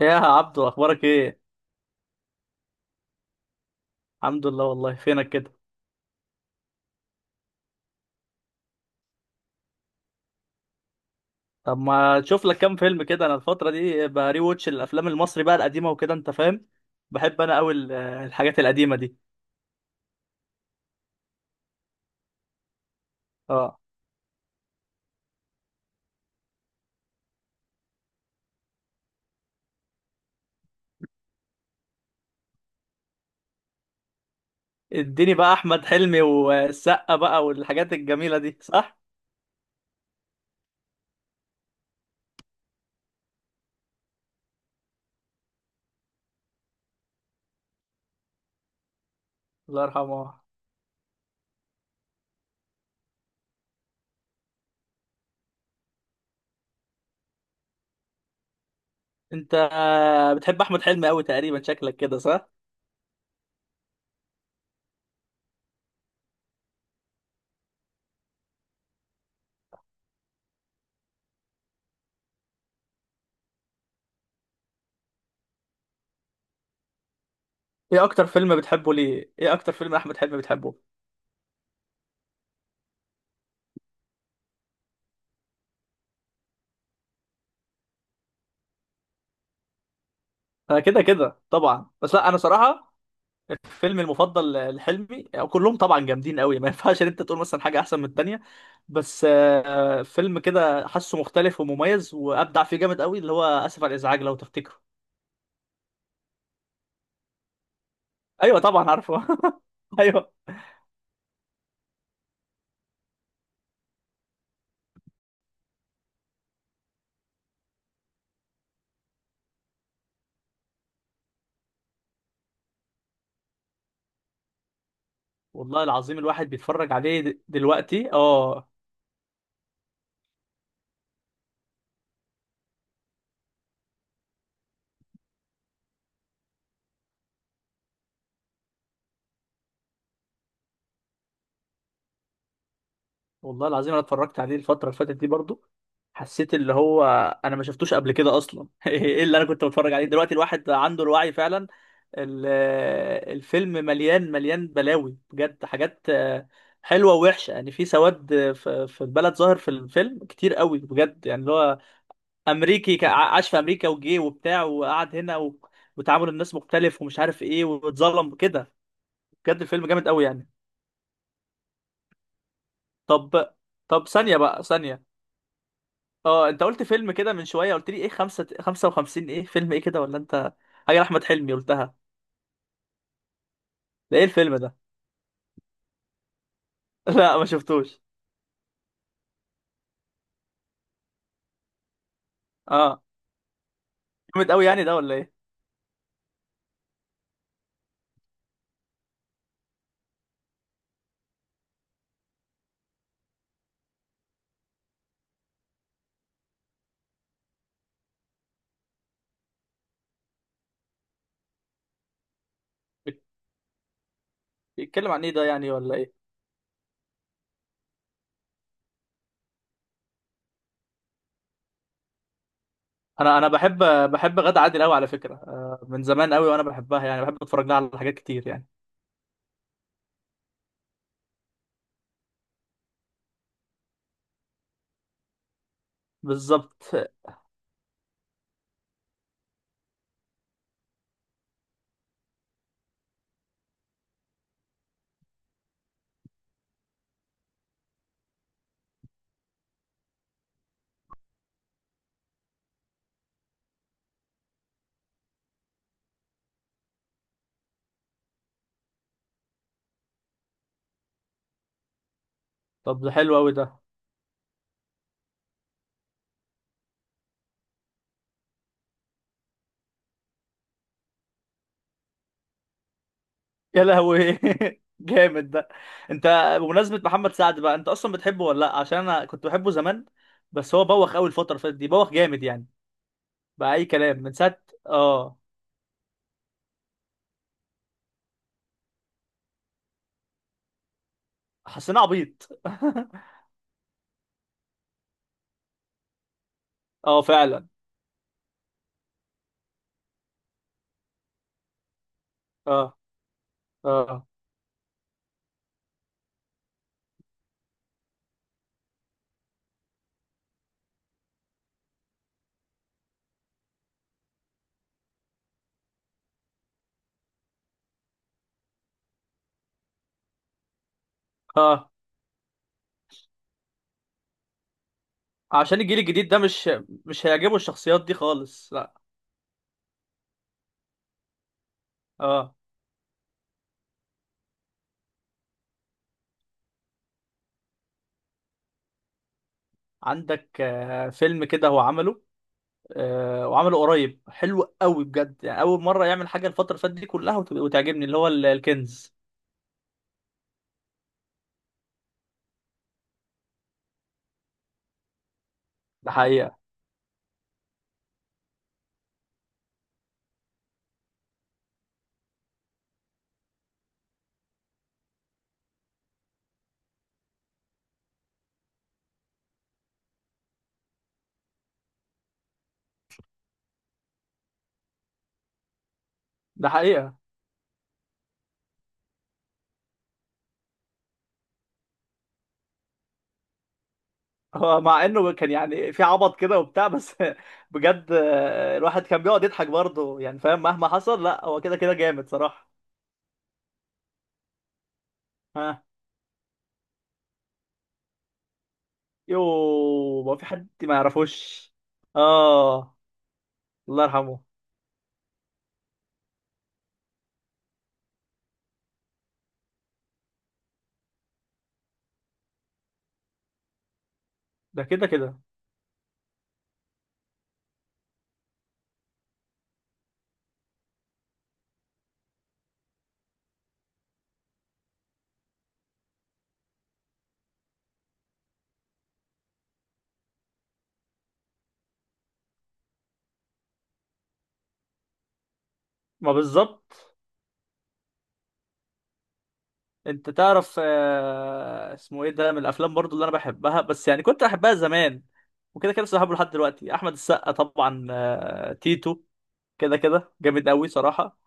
ايه يا عبدو، اخبارك ايه؟ الحمد لله. والله فينك كده؟ طب ما تشوف لك كام فيلم كده. انا الفتره دي بري ووتش الافلام المصري بقى القديمه وكده، انت فاهم. بحب انا قوي الحاجات القديمه دي. اه. اديني بقى احمد حلمي والسقا بقى والحاجات الجميله دي، صح؟ الله يرحمه. انت بتحب احمد حلمي قوي تقريبا، شكلك كده صح؟ ايه اكتر فيلم بتحبه ليه؟ ايه اكتر فيلم احمد حلمي بتحبه؟ انا كده كده طبعا. بس لا، انا صراحه الفيلم المفضل لحلمي، كلهم طبعا جامدين قوي، ما ينفعش ان انت تقول مثلا حاجه احسن من التانيه. بس فيلم كده حاسه مختلف ومميز وابدع فيه جامد قوي، اللي هو اسف على الازعاج، لو تفتكره. ايوه طبعا عارفه. ايوه. والله العظيم الواحد بيتفرج عليه دلوقتي. اه. والله العظيم انا اتفرجت عليه الفتره اللي فاتت دي برضو. حسيت اللي هو، انا ما شفتوش قبل كده اصلا. ايه اللي انا كنت بتفرج عليه؟ دلوقتي الواحد عنده الوعي فعلا. ال- الفيلم مليان مليان بلاوي بجد، حاجات حلوه ووحشه، يعني في سواد في البلد ظاهر في الفيلم كتير قوي بجد، يعني اللي هو امريكي، عاش في امريكا وجي وبتاع، وقعد هنا و... وتعامل الناس مختلف، ومش عارف ايه، واتظلم كده. بجد الفيلم جامد قوي يعني. طب طب ثانيه بقى ثانيه، اه، انت قلت فيلم كده من شويه، قلت لي ايه خمسة 55، ايه فيلم ايه كده؟ ولا انت حاجه لاحمد حلمي قلتها؟ ده ايه الفيلم ده؟ لا ما شفتوش. اه. جامد قوي يعني ده، ولا ايه؟ بيت- بيتكلم عن ايه ده، يعني؟ ولا ايه؟ انا بحب، بحب غادة عادل قوي، على فكره، من زمان قوي وانا بحبها، يعني بحب اتفرج لها على حاجات كتير يعني. بالظبط. طب ده حلو قوي ده. يا لهوي. جامد ده. انت، بمناسبه محمد سعد بقى، انت اصلا بتحبه ولا لا؟ عشان انا كنت بحبه زمان، بس هو بوخ قوي الفتره اللي فاتت دي، بوخ جامد يعني، بأي كلام من ساعة. اه. حسينا عبيط. اه فعلا. اه، اه، اه. عشان الجيل الجديد ده مش هيعجبه الشخصيات دي خالص، لا. اه. عندك فيلم كده هو عمله، وعمله قريب، حلو قوي بجد يعني. أول مرة يعمل حاجة الفترة اللي فاتت دي كلها وتعجبني، اللي هو الكنز. ده حقيقة. ده حقيقة. هو مع انه كان يعني في عبط كده وبتاع، بس. بجد الواحد كان بيقعد يضحك برضه يعني، فاهم؟ مهما حصل، لا هو كده كده جامد صراحة. ها. يوه، ما في حد ما يعرفوش. اه. الله يرحمه. ده كده كده. ما بالظبط. انت تعرف اسمه ايه ده، من الافلام برضو اللي انا بحبها، بس يعني كنت بحبها زمان وكده كده لسه بحبه لحد دلوقتي. احمد السقا طبعا، تيتو كده كده جامد قوي صراحه،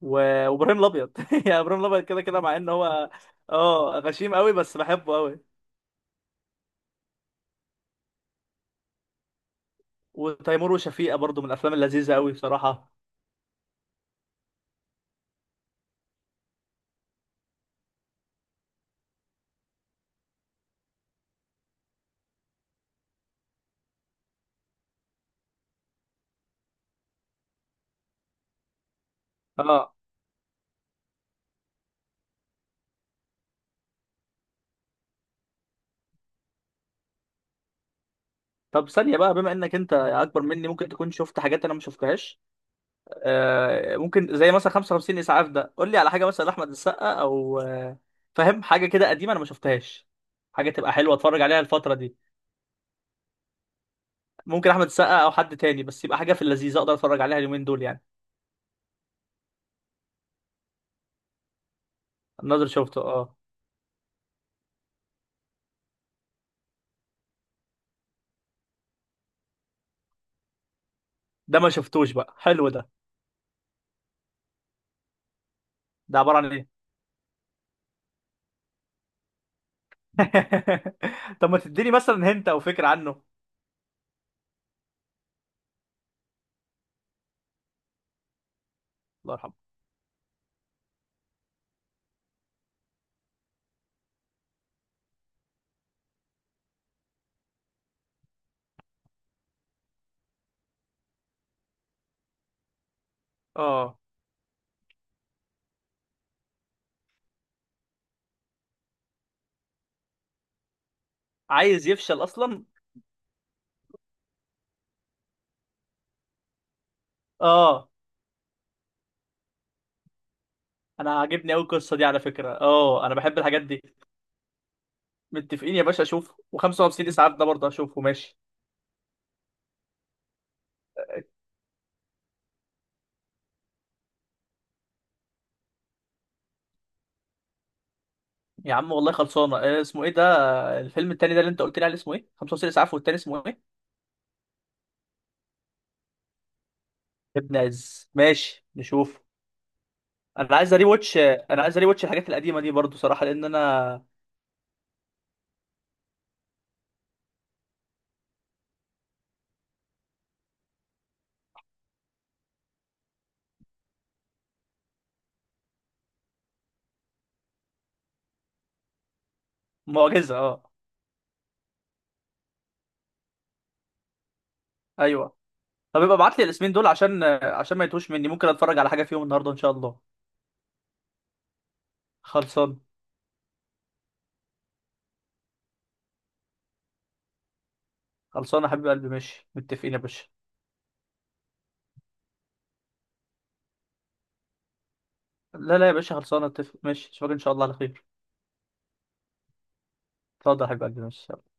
وابراهيم الابيض. يعني ابراهيم الابيض كده كده مع ان هو اه غشيم قوي، بس بحبه قوي. وتيمور وشفيقة برضو من الافلام اللذيذه قوي بصراحه. اه. طب ثانية بقى، بما انك انت اكبر مني، ممكن تكون شفت حاجات انا ما شفتهاش. ممكن زي مثلا 55 اسعاف ده، قول لي على حاجة، مثلا احمد السقا او فاهم، حاجة كده قديمة انا ما شفتهاش، حاجة تبقى حلوة اتفرج عليها الفترة دي. ممكن احمد السقا او حد تاني، بس يبقى حاجة في اللذيذ اقدر اتفرج عليها اليومين دول يعني. الناظر شفته، اه. ده ما شفتوش بقى، حلو ده؟ ده عبارة عن ايه؟ طب ما تديني مثلا هنت او فكرة عنه. الله يرحمه. اه. عايز يفشل اصلا. اه. انا عاجبني قوي القصه دي على فكره، اه انا بحب الحاجات دي. متفقين يا باشا، اشوفه، و55 اسعاف ده برضه اشوفه. ماشي يا عم، والله خلصانه. اسمه ايه ده، الفيلم التاني ده اللي انت قلت لي عليه، اسمه ايه؟ 55 اسعاف، والتاني اسمه ايه؟ يا ابن عز، ماشي نشوف. انا عايز اري واتش الحاجات القديمه دي برضه صراحه لان انا. معجزه. اه. ايوه. طب يبقى ابعت لي الاسمين دول، عشان عشان ما يتوش مني، ممكن اتفرج على حاجه فيهم النهارده ان شاء الله. خلصان. خلصانه يا حبيب قلبي. ماشي، متفقين يا باشا. لا لا يا باشا، خلصانه اتفق. ماشي، اشوفك ان شاء الله على خير. اتفضل يا حبيب قلبي، مش شرط.